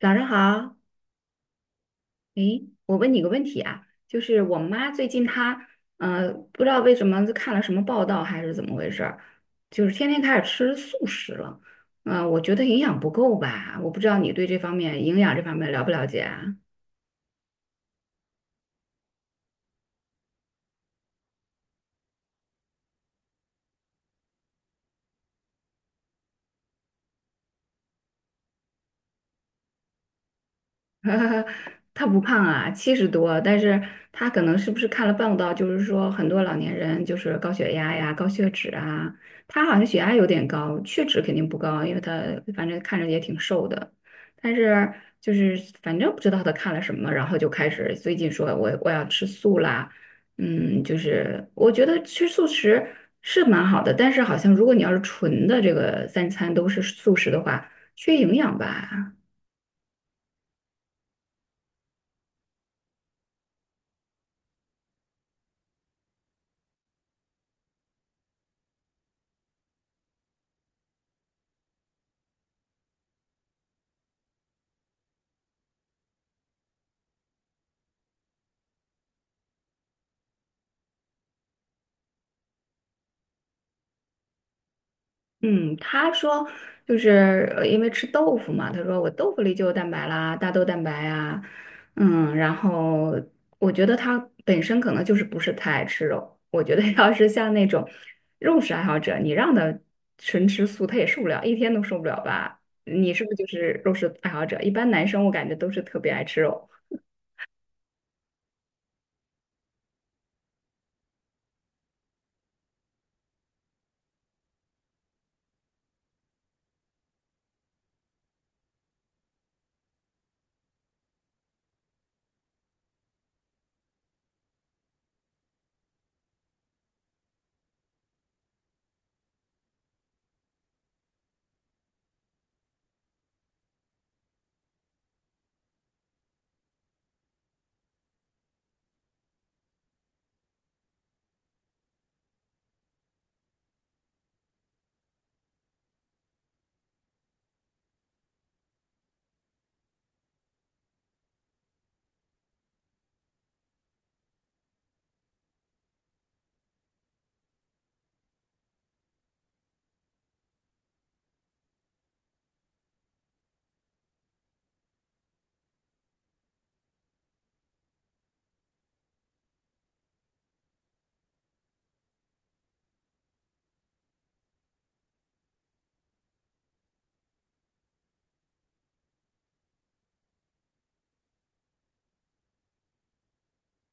早上好，诶，我问你个问题啊，就是我妈最近她，不知道为什么就看了什么报道还是怎么回事儿，就是天天开始吃素食了，嗯、我觉得营养不够吧，我不知道你对这方面这方面了不了解啊？他不胖啊，七十多，但是他可能是不是看了报道，就是说很多老年人就是高血压呀、高血脂啊，他好像血压有点高，血脂肯定不高，因为他反正看着也挺瘦的，但是就是反正不知道他看了什么，然后就开始最近说我要吃素啦。嗯，就是我觉得吃素食是蛮好的，但是好像如果你要是纯的这个三餐都是素食的话，缺营养吧。嗯，他说因为吃豆腐嘛，他说我豆腐里就有蛋白啦，大豆蛋白啊。嗯，然后我觉得他本身可能就是不是太爱吃肉，我觉得 要是像那种肉食爱好者，你让他纯吃素，他也受不了，一天都受不了吧？你是不是就是肉食爱好者？一般男生我感觉都是特别爱吃肉。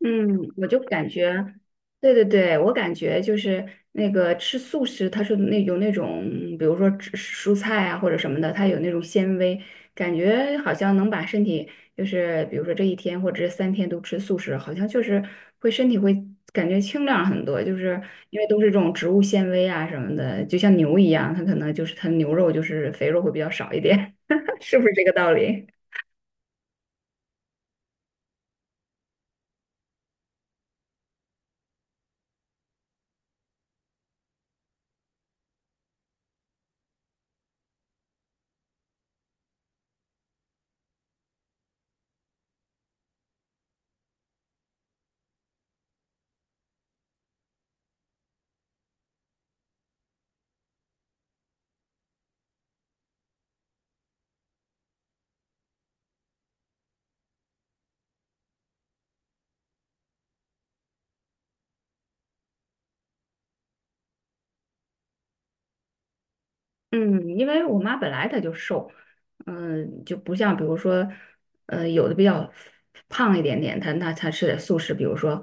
嗯，我就感觉，对对对，我感觉就是那个吃素食，它是那有那种，比如说吃蔬菜啊或者什么的，它有那种纤维，感觉好像能把身体，就是比如说这一天或者这三天都吃素食，好像就是会身体会感觉清亮很多，就是因为都是这种植物纤维啊什么的，就像牛一样，它可能就是它牛肉就是肥肉会比较少一点，是不是这个道理？嗯，因为我妈本来她就瘦，嗯，就不像比如说，呃，有的比较胖一点点，她那她吃点素食，比如说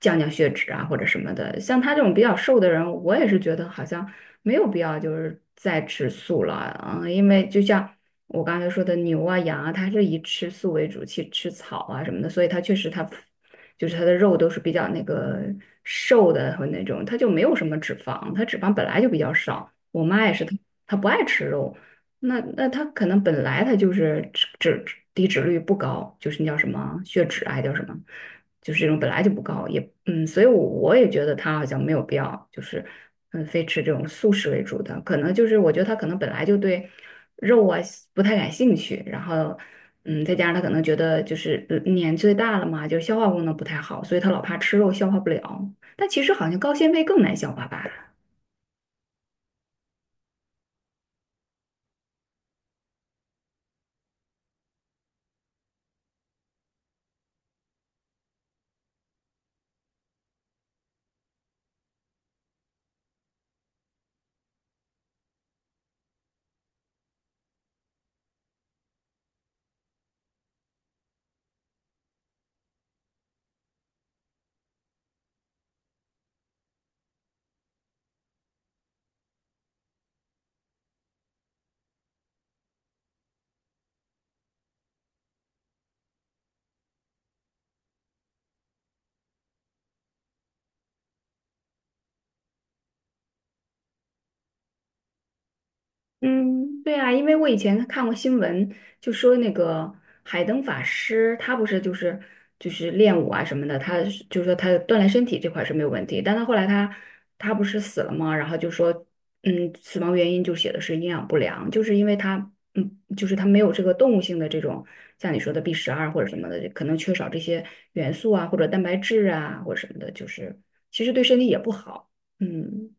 降血脂啊或者什么的。像她这种比较瘦的人，我也是觉得好像没有必要就是再吃素了啊。嗯，因为就像我刚才说的牛啊羊啊，它是以吃素为主，去吃草啊什么的，所以它确实它就是它的肉都是比较那个瘦的和那种，它就没有什么脂肪，它脂肪本来就比较少。我妈也是，她她不爱吃肉，那那她可能本来她就是低脂率不高，就是那叫什么血脂啊，还叫什么，就是这种本来就不高，也嗯，所以我也觉得她好像没有必要，就是嗯，非吃这种素食为主的，可能就是我觉得她可能本来就对肉啊不太感兴趣，然后嗯，再加上她可能觉得就是年岁大了嘛，就是消化功能不太好，所以她老怕吃肉消化不了，但其实好像高纤维更难消化吧。嗯，对啊，因为我以前看过新闻，就说那个海灯法师，他不是就是就是练武啊什么的，他是就是说他锻炼身体这块是没有问题，但他后来他不是死了吗？然后就说，嗯，死亡原因就写的是营养不良，就是因为他，嗯，就是他没有这个动物性的这种像你说的 B 十二或者什么的，可能缺少这些元素啊，或者蛋白质啊，或者什么的，就是其实对身体也不好，嗯。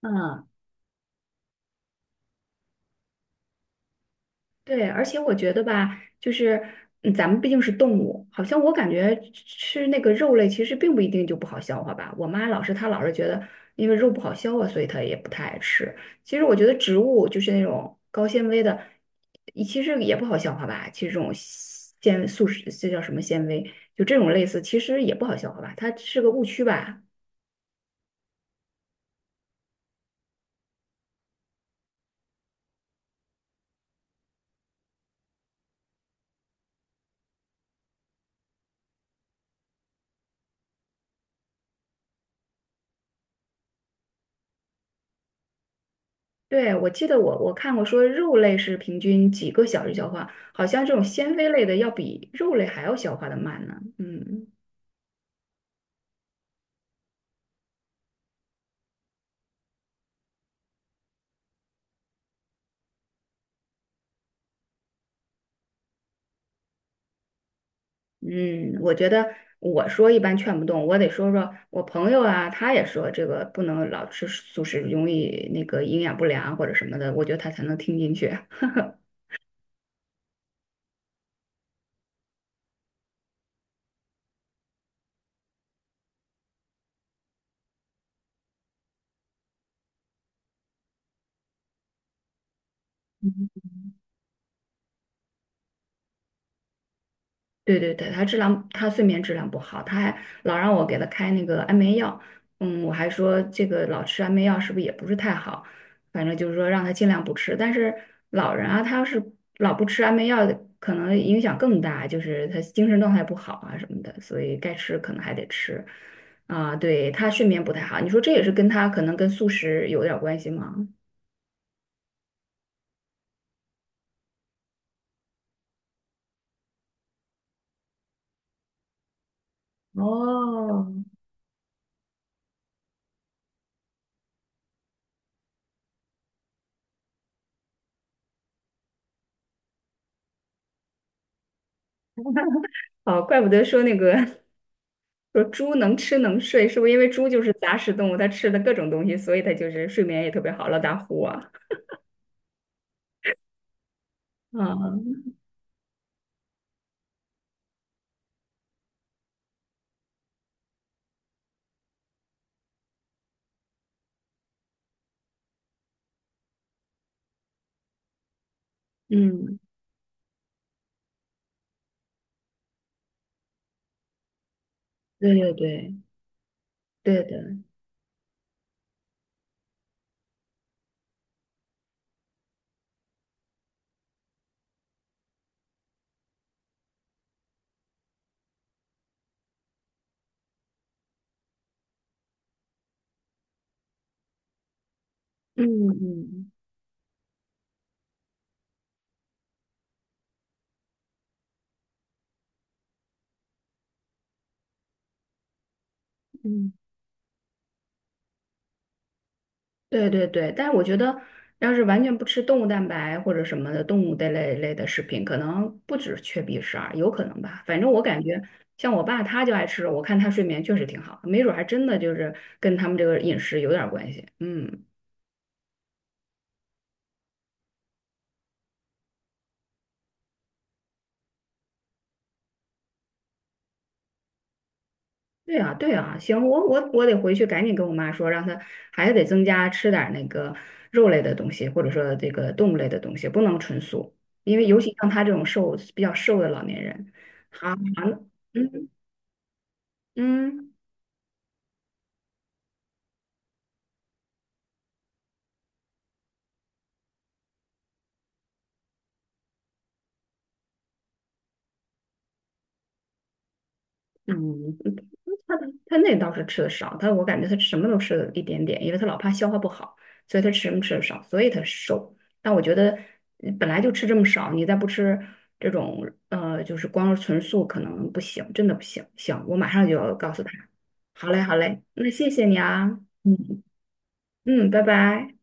嗯，对，而且我觉得吧，就是嗯咱们毕竟是动物，好像我感觉吃那个肉类其实并不一定就不好消化吧。我妈老是她老是觉得，因为肉不好消化，所以她也不太爱吃。其实我觉得植物就是那种高纤维的，也其实也不好消化吧。其实这种纤维素食，这叫什么纤维？就这种类似，其实也不好消化吧。它是个误区吧。对，我记得我看过说肉类是平均几个小时消化，好像这种纤维类的要比肉类还要消化的慢呢。嗯嗯，我觉得我说一般劝不动，我得说说我朋友啊，他也说这个不能老吃素食，容易那个营养不良或者什么的，我觉得他才能听进去。对对对，他质量，他睡眠质量不好，他还老让我给他开那个安眠药。嗯，我还说这个老吃安眠药是不是也不是太好，反正就是说让他尽量不吃。但是老人啊，他要是老不吃安眠药，可能影响更大，就是他精神状态不好啊什么的，所以该吃可能还得吃。啊，对，他睡眠不太好，你说这也是跟他可能跟素食有点儿关系吗？哦，哦，怪不得说那个 说猪能吃能睡，是不是因为猪就是杂食动物，它吃的各种东西，所以它就是睡眠也特别好，老打呼啊。啊，嗯，对对对，对的，嗯嗯嗯，对对对，但是我觉得，要是完全不吃动物蛋白或者什么的动物的类的食品，可能不止缺 B 十二，有可能吧。反正我感觉，像我爸他就爱吃肉，我看他睡眠确实挺好，没准儿还真的就是跟他们这个饮食有点儿关系。嗯。对啊，对啊，行，我得回去赶紧跟我妈说，让她还是得增加吃点儿那个肉类的东西，或者说这个动物类的东西，不能纯素，因为尤其像她这种瘦比较瘦的老年人，好，好，嗯嗯，嗯，他他那倒是吃的少，他我感觉他什么都吃了一点点，因为他老怕消化不好，所以他吃什么吃的少，所以他瘦。但我觉得本来就吃这么少，你再不吃这种就是光是纯素可能不行，真的不行。行，我马上就要告诉他。好嘞，好嘞，那谢谢你啊，嗯，嗯，拜拜。